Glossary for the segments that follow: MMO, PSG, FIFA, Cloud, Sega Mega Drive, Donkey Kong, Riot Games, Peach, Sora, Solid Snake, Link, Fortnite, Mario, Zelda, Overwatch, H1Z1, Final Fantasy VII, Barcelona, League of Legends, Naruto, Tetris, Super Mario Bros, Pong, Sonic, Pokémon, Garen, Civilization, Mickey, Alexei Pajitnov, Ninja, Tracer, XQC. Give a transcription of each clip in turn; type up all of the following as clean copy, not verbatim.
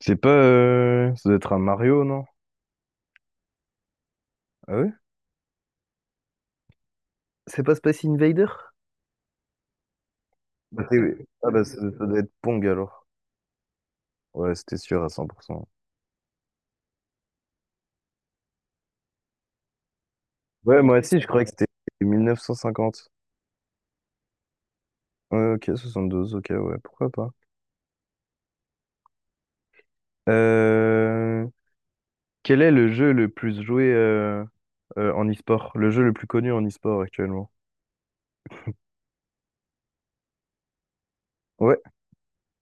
C'est pas. Ça doit être un Mario, non? Ah ouais? C'est pas Space Invader? Ah bah ça, ça doit être Pong alors. Ouais, c'était sûr à 100%. Ouais, moi aussi, je croyais que c'était 1950. Ouais, ok, 72, ok, ouais, pourquoi pas. Euh, Quel est le jeu le plus joué en e-sport? Le jeu le plus connu en e-sport actuellement? Ouais,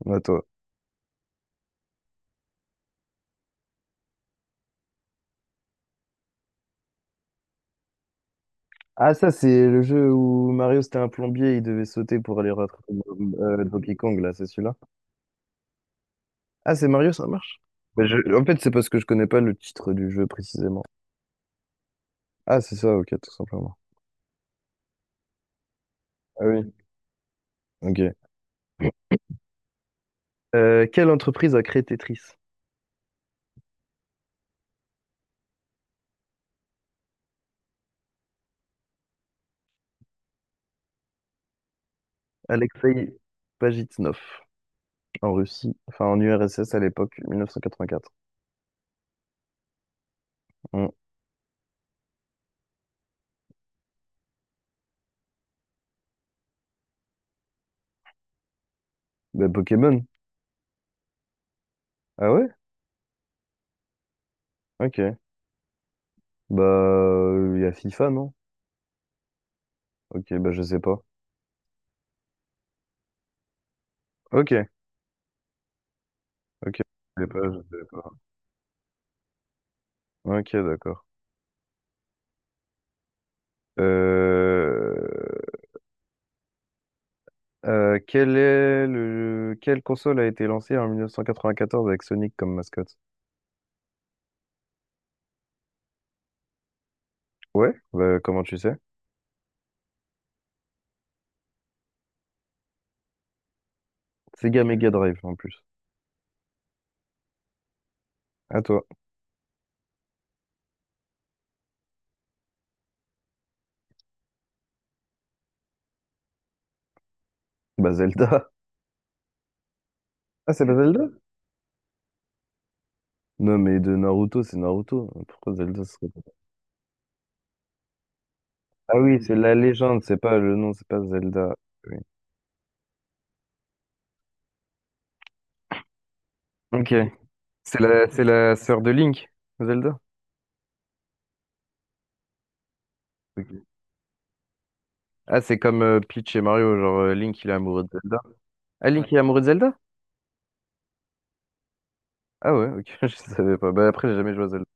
à toi. Ah, ça, c'est le jeu où Mario, c'était un plombier, il devait sauter pour aller rattraper Donkey Kong, là, c'est celui-là? Ah, c'est Mario, ça marche? Mais en fait, c'est parce que je connais pas le titre du jeu précisément. Ah, c'est ça, ok, tout simplement. Ah oui. Ok. Quelle entreprise a créé Tetris? Alexei Pajitnov, en Russie, enfin en URSS à l'époque, 1984. Hmm. Bah, Pokémon? Ah ouais? Ok. Bah, il y a FIFA, non? Ok, bah je sais pas. Ok, ok. Je sais pas, je sais pas. Ok, d'accord. Euh... Quelle console a été lancée en 1994 avec Sonic comme mascotte? Ouais, bah, comment tu sais? Sega Mega Drive en plus. À toi. Bah Zelda. Ah, c'est pas Zelda? Non, mais de Naruto, c'est Naruto. Pourquoi Zelda ce serait... pas- Ah oui, c'est la légende, c'est pas le nom, c'est pas Zelda. Oui. Ok. C'est la sœur de Link, Zelda? Ok. Ah, c'est comme Peach et Mario, genre Link il est amoureux de Zelda. Ah, Link il est amoureux de Zelda? Ah ouais, ok, je savais pas. Bah après, j'ai jamais joué à Zelda.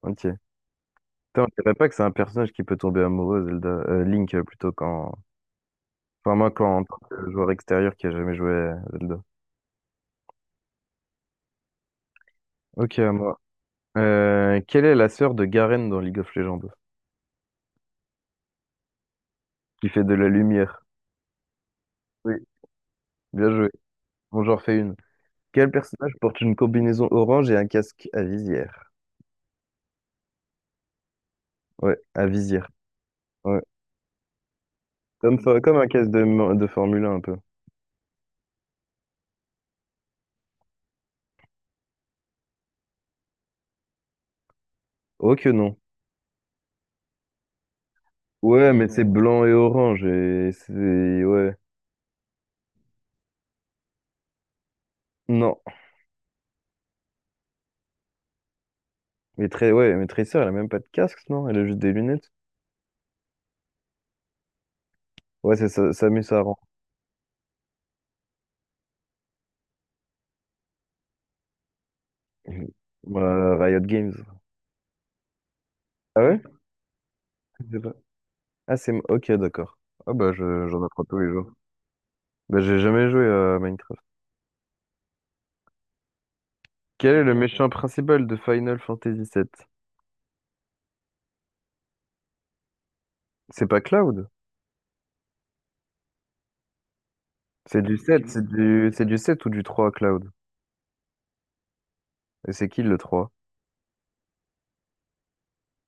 Ok. Putain, on dirait pas que c'est un personnage qui peut tomber amoureux, Zelda. Link, plutôt, quand... Enfin, moi, quand, en tant que joueur extérieur qui a jamais joué à Zelda. Ok, à moi. Quelle est la sœur de Garen dans League of Legends? Qui fait de la lumière. Oui, bien joué. Bon, j'en refais une. Quel personnage porte une combinaison orange et un casque à visière? Ouais, à visière. Ouais. Comme un casque de Formule 1, un peu. Oh que non. Ouais, mais c'est blanc et orange et c'est... Ouais. Non. Mais très... Ouais, mais Tracer, elle a même pas de casque, non? Elle a juste des lunettes. Ouais, c'est ça, Samus Aran. Riot Games. Ah ouais? Je sais pas. Ah, c'est... Ok, d'accord. Ah bah, j'en apprends tous les jours. Bah, j'ai jamais joué à Minecraft. Quel est le méchant principal de Final Fantasy VII? C'est pas Cloud? C'est du sept, c'est du sept ou du trois, Cloud? Et c'est qui le trois?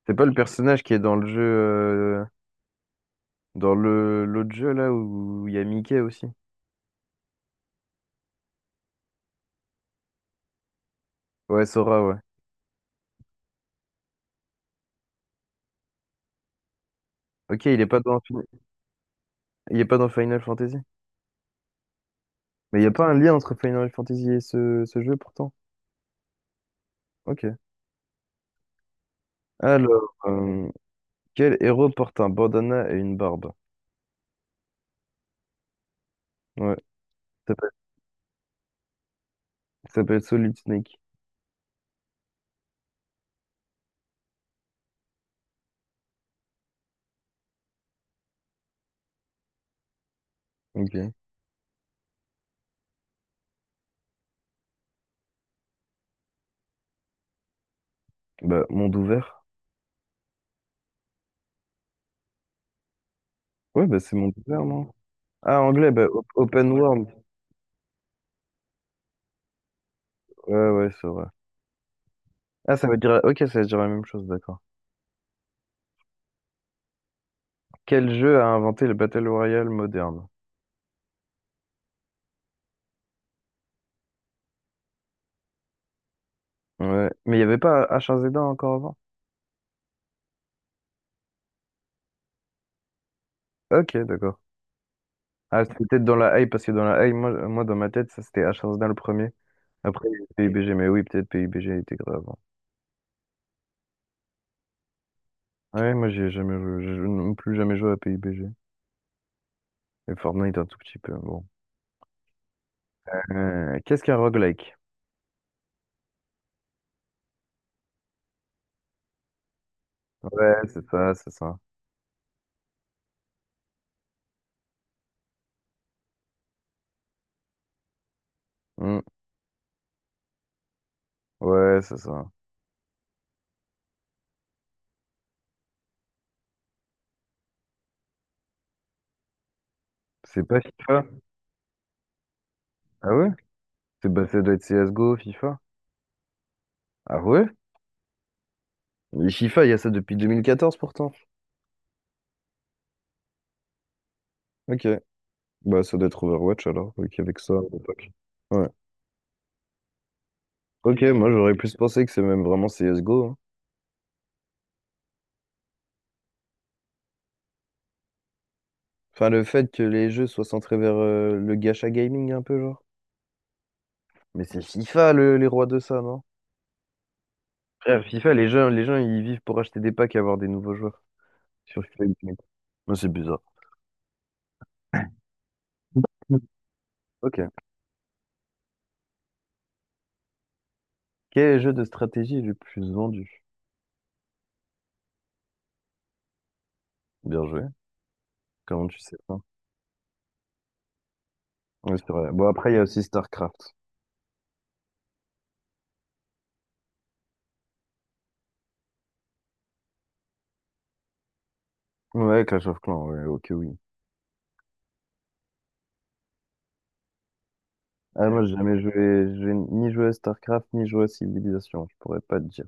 C'est pas le personnage qui est dans le jeu... dans le l'autre jeu, là, où il y a Mickey aussi? Ouais, Sora, ouais. Ok, il est pas dans... Fin- Il est pas dans Final Fantasy? Mais il y a pas un lien entre Final Fantasy et ce jeu, pourtant? Ok. Alors, quel héros porte un bandana et une barbe? Ouais, ça s'appelle ça s'appelle Solid Snake. Ok. Bah, monde ouvert. Ouais, bah c'est monde ouvert, non? Ah, anglais, bah open world. Ouais, ouais, c'est vrai. Ah, ça veut dire... Ok, ça veut dire la même chose, d'accord. Quel jeu a inventé le Battle Royale moderne? Ouais, mais il n'y avait pas H1Z1 encore avant? Ok, d'accord. Ah, c'était peut-être dans la hype, parce que dans la hype, moi, moi dans ma tête, ça c'était H1Z1 le premier. Après, il y a eu PUBG, mais oui, peut-être PUBG était grave avant. Ouais, moi j'ai jamais joué, je n'ai plus jamais joué à PUBG. Et Fortnite un tout petit peu, bon. Qu'est-ce qu'un roguelike? Ouais, c'est ça, c'est ça. Hmm. Ouais, c'est ça. C'est pas FIFA? Ah ouais? C'est bah, ça doit être CSGO, FIFA. Ah ouais? Mais FIFA, il y a ça depuis 2014 pourtant. Ok. Bah ça doit être Overwatch alors, ok, avec ça à l'époque. Ouais. Ok, moi j'aurais plus pensé que c'est même vraiment CSGO, hein. Enfin, le fait que les jeux soient centrés vers le gacha gaming un peu, genre. Mais c'est FIFA les rois de ça, non? Frère, FIFA, les gens, ils vivent pour acheter des packs et avoir des nouveaux joueurs. Sur FIFA. Ouais, c'est bizarre. Mm. Ok. Quel est le jeu de stratégie est le plus vendu? Bien joué. Comment tu sais ça? Ouais, c'est vrai. Bon, après, il y a aussi StarCraft. Ouais, Clash of Clans, ouais, ok, oui. Ah, moi, j'ai jamais joué, j'ai ni joué à StarCraft, ni joué à Civilization, je pourrais pas te dire.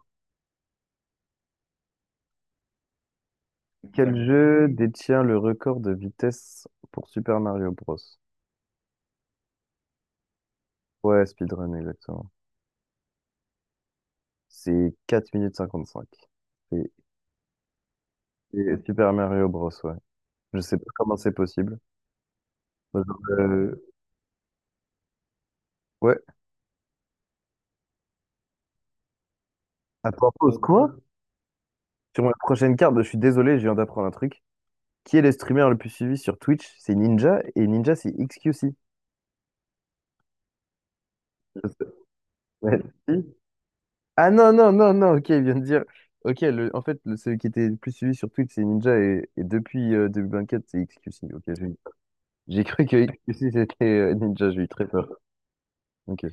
Quel jeu détient le record de vitesse pour Super Mario Bros? Ouais, speedrun, exactement. C'est 4 minutes 55. C'est c'est Super Mario Bros, ouais. Je sais pas comment c'est possible. Euh, ouais. Attends, pause, quoi? Sur ma prochaine carte, je suis désolé, je viens d'apprendre un truc. Qui est le streamer le plus suivi sur Twitch? C'est Ninja, et Ninja, c'est XQC. Ouais. Si. Ah non, non, non, non, ok, il vient de dire. Ok, le, en fait, le, celui qui était le plus suivi sur Twitch, c'est Ninja, et depuis 2024, c'est XQC. Ok, j'ai cru que XQC, c'était Ninja, j'ai eu très peur. Ok.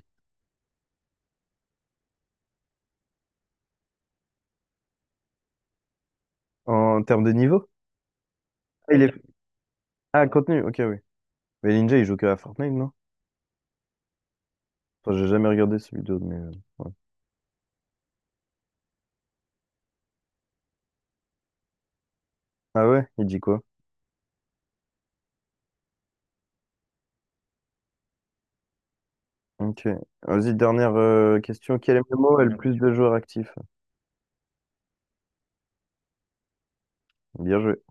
En termes de niveau? Ah, ah, contenu, ok, oui. Mais Ninja, il joue que à Fortnite, non? Enfin, j'ai jamais regardé ce vidéo, mais... ouais. Ah ouais? Il dit quoi? Ok. Vas-y, dernière question. Quel MMO a le plus de joueurs actifs? Bien joué.